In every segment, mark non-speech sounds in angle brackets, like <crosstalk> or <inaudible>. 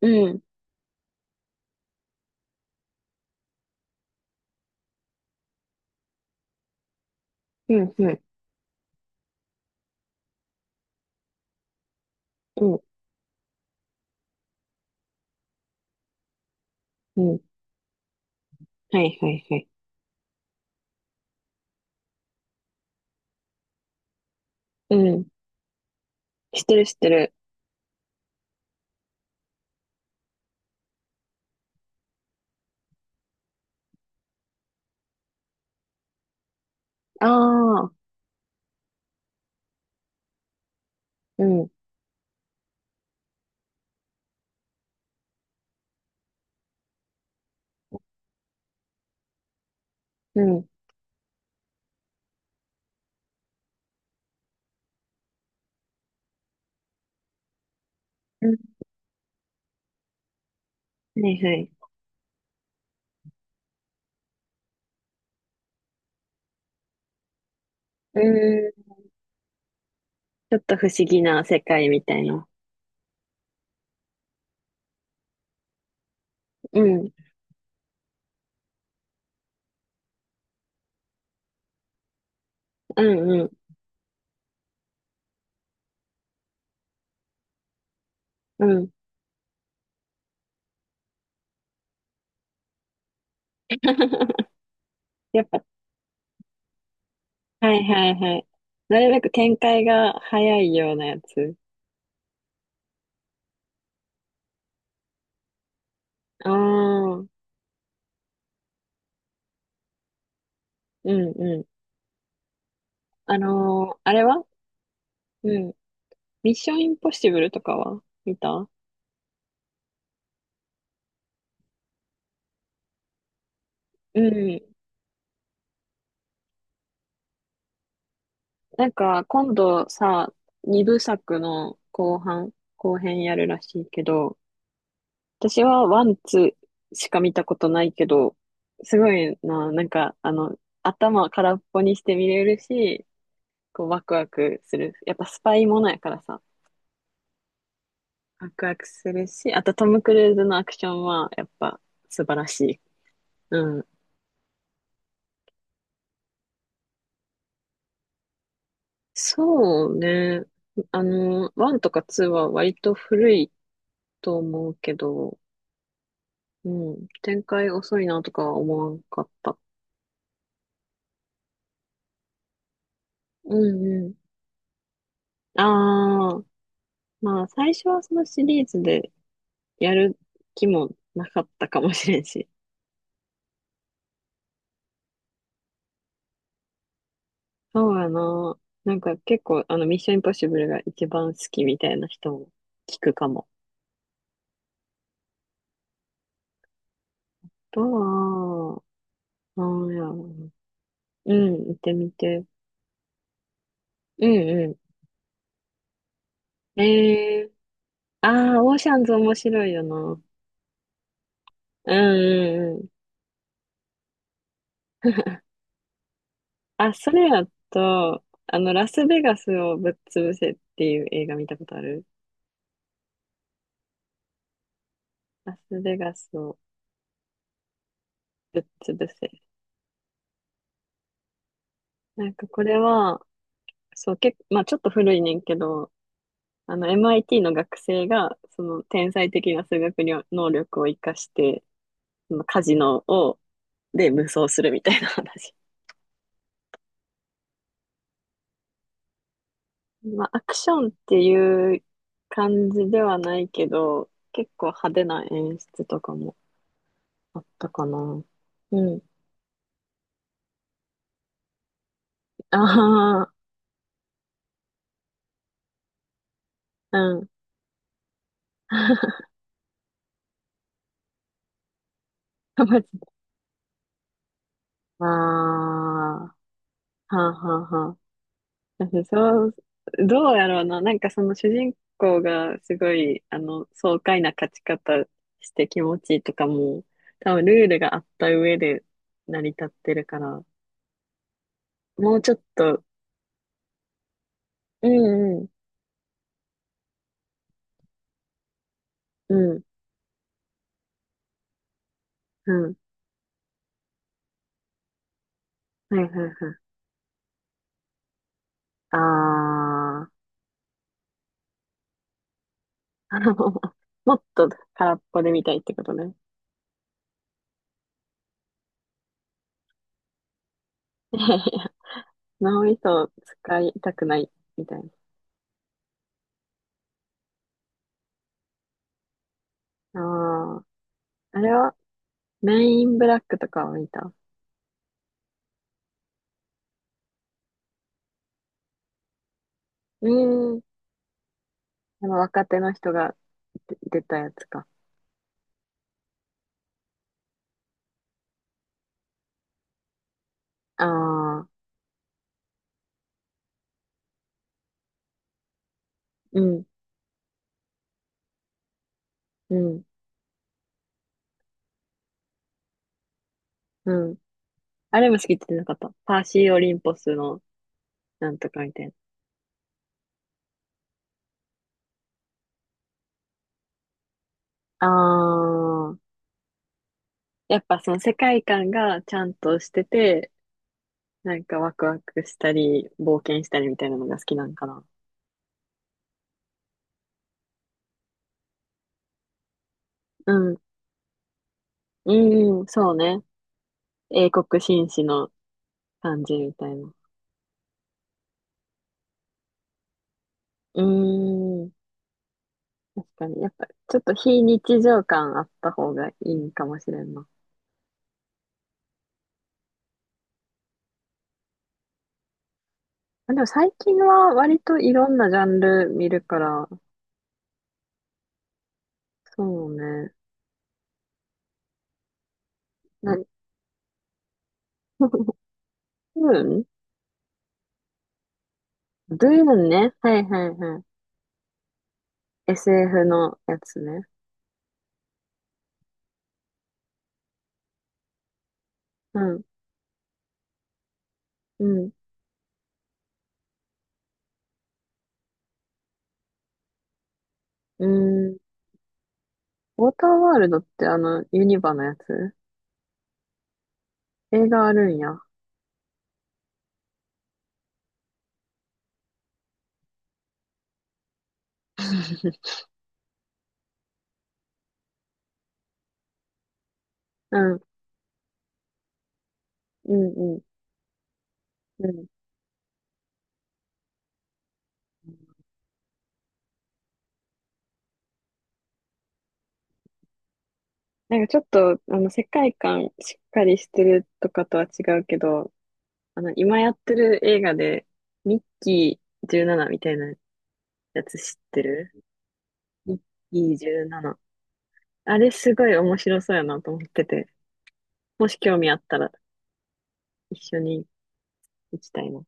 うん、うん、うん、うん、うん。はい、はい、はい。うん。知ってる、知ってる。ああ、うん、うん、うん。はい、はい。うん。ちょっと不思議な世界みたいな。うん、うん、うん、<laughs> うん。<laughs> やっぱ、はい、はい、はい。なるべく展開が早いようなやつ。ああ、うん、うん。あれはうん。ミッションインポッシブルとかは見た？うん。なんか、今度さ、二部作の後半、後編やるらしいけど、私はワン、ツーしか見たことないけど、すごいな、なんか、頭空っぽにして見れるし、こう、ワクワクする。やっぱスパイものやからさ、ワクワクするし、あとトム・クルーズのアクションは、やっぱ素晴らしい。うん。そうね。ワンとかツーは割と古いと思うけど、うん。展開遅いなとかは思わんかった。うんうん。ああ、まあ最初はそのシリーズでやる気もなかったかもしれんし。そうやな。なんか結構あのミッションインポッシブルが一番好きみたいな人も聞くかも。とは、なんやろう。うん、行ってみて。うんうん。ええー。ああ、オーシャンズ面白いよな。うんうん、あ、それやと、ラスベガスをぶっ潰せっていう映画見たことある？ラスベガスをぶっ潰せ。なんかこれは、そう、結構、まあちょっと古いねんけど、MIT の学生が、その天才的な数学りょ能力を活かして、そのカジノを、で無双するみたいな話。<laughs> まあアクションっていう感じではないけど、結構派手な演出とかもあったかな。うん。ああ、うん。<laughs> マジで、ああはあはあはあ。私そう、どうやろうな。なんかその主人公がすごい、爽快な勝ち方して気持ちいいとかも、多分ルールがあった上で成り立ってるから、もうちょっと、うんうん、うん、うん、はいはいはい。ああ、 <laughs> もっと空っぽで見たいってことね。<laughs> 脳みそを使いたくないみたいな。ああ。あれはメインブラックとかを見た？うーん。若手の人が出たやつか。ああ、うん、うん、うん。あれも好きって言ってなかった？パーシー・オリンポスのなんとかみたいな。ああ、やっぱその世界観がちゃんとしてて、なんかワクワクしたり、冒険したりみたいなのが好きなんかな。うん、うん、うんそうね。英国紳士の感じみたいな。うーん。確かに。やっぱ、ちょっと非日常感あった方がいいかもしれんな。あ、でも最近は割といろんなジャンル見るから、そうね。な、<laughs> ドゥーン、ドゥーンね。はいはいはい。SF のやつね。うん。うん。うん。ウォーターワールドってあの、ユニバのやつ、映画あるんや？うん。うんうん。うん。なんかちょっと、世界観しっかりしてるとかとは違うけど、今やってる映画で、ミッキー17みたいなやつ知ってる？ミッキー17。あれすごい面白そうやなと思ってて、もし興味あったら一緒に行きたいな。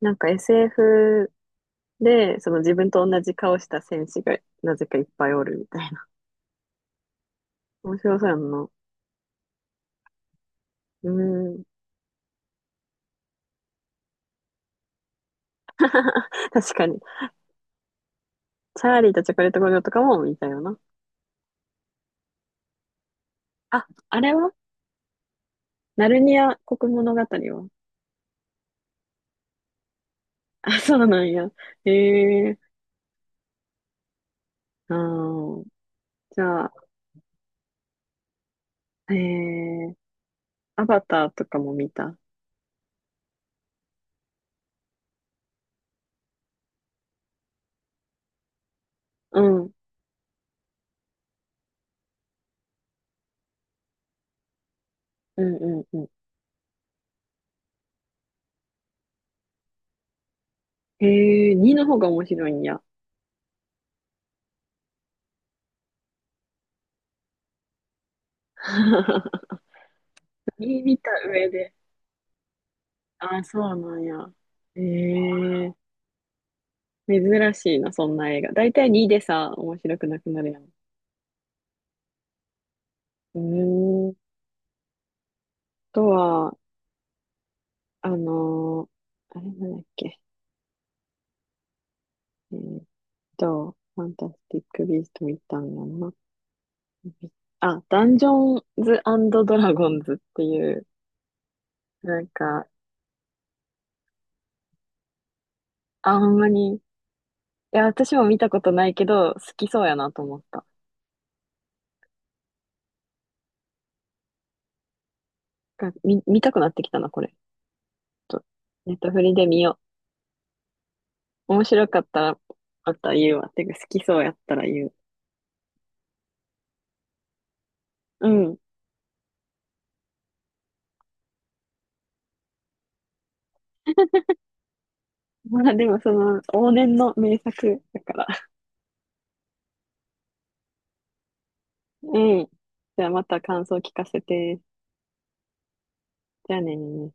なんか SF で、その自分と同じ顔した戦士がなぜかいっぱいおるみたいな。面白そうやんな。うーん。<laughs> 確かに。チャーリーとチョコレート工場とかも見たよな。あ、あれはナルニア国物語は？あ、そうなんや。へえ。あー、じゃあ、えー、アバターとかも見た？うん、うん、うん、うん。2の方が面白いんや。<laughs> 2見た上で。あー、そうなんや。えー、珍しいな、そんな映画。だいたい2でさ、面白くなくなるやん。うーん、あとは、あのーあれなんだっけ。えーっファンタスティック・ビースト見たんやんな。あ、ダンジョンズドラゴンズっていう、なんか、あんまりいや、私も見たことないけど、好きそうやなと思った。見たくなってきたな、これ。ちょっと、ネットフリで見よう。面白かったら、あったら言うわ。てか、好きそうやったら言う。うん。まあでも、往年の名作だから。うん。<laughs> じゃあまた感想聞かせて。じゃあねー。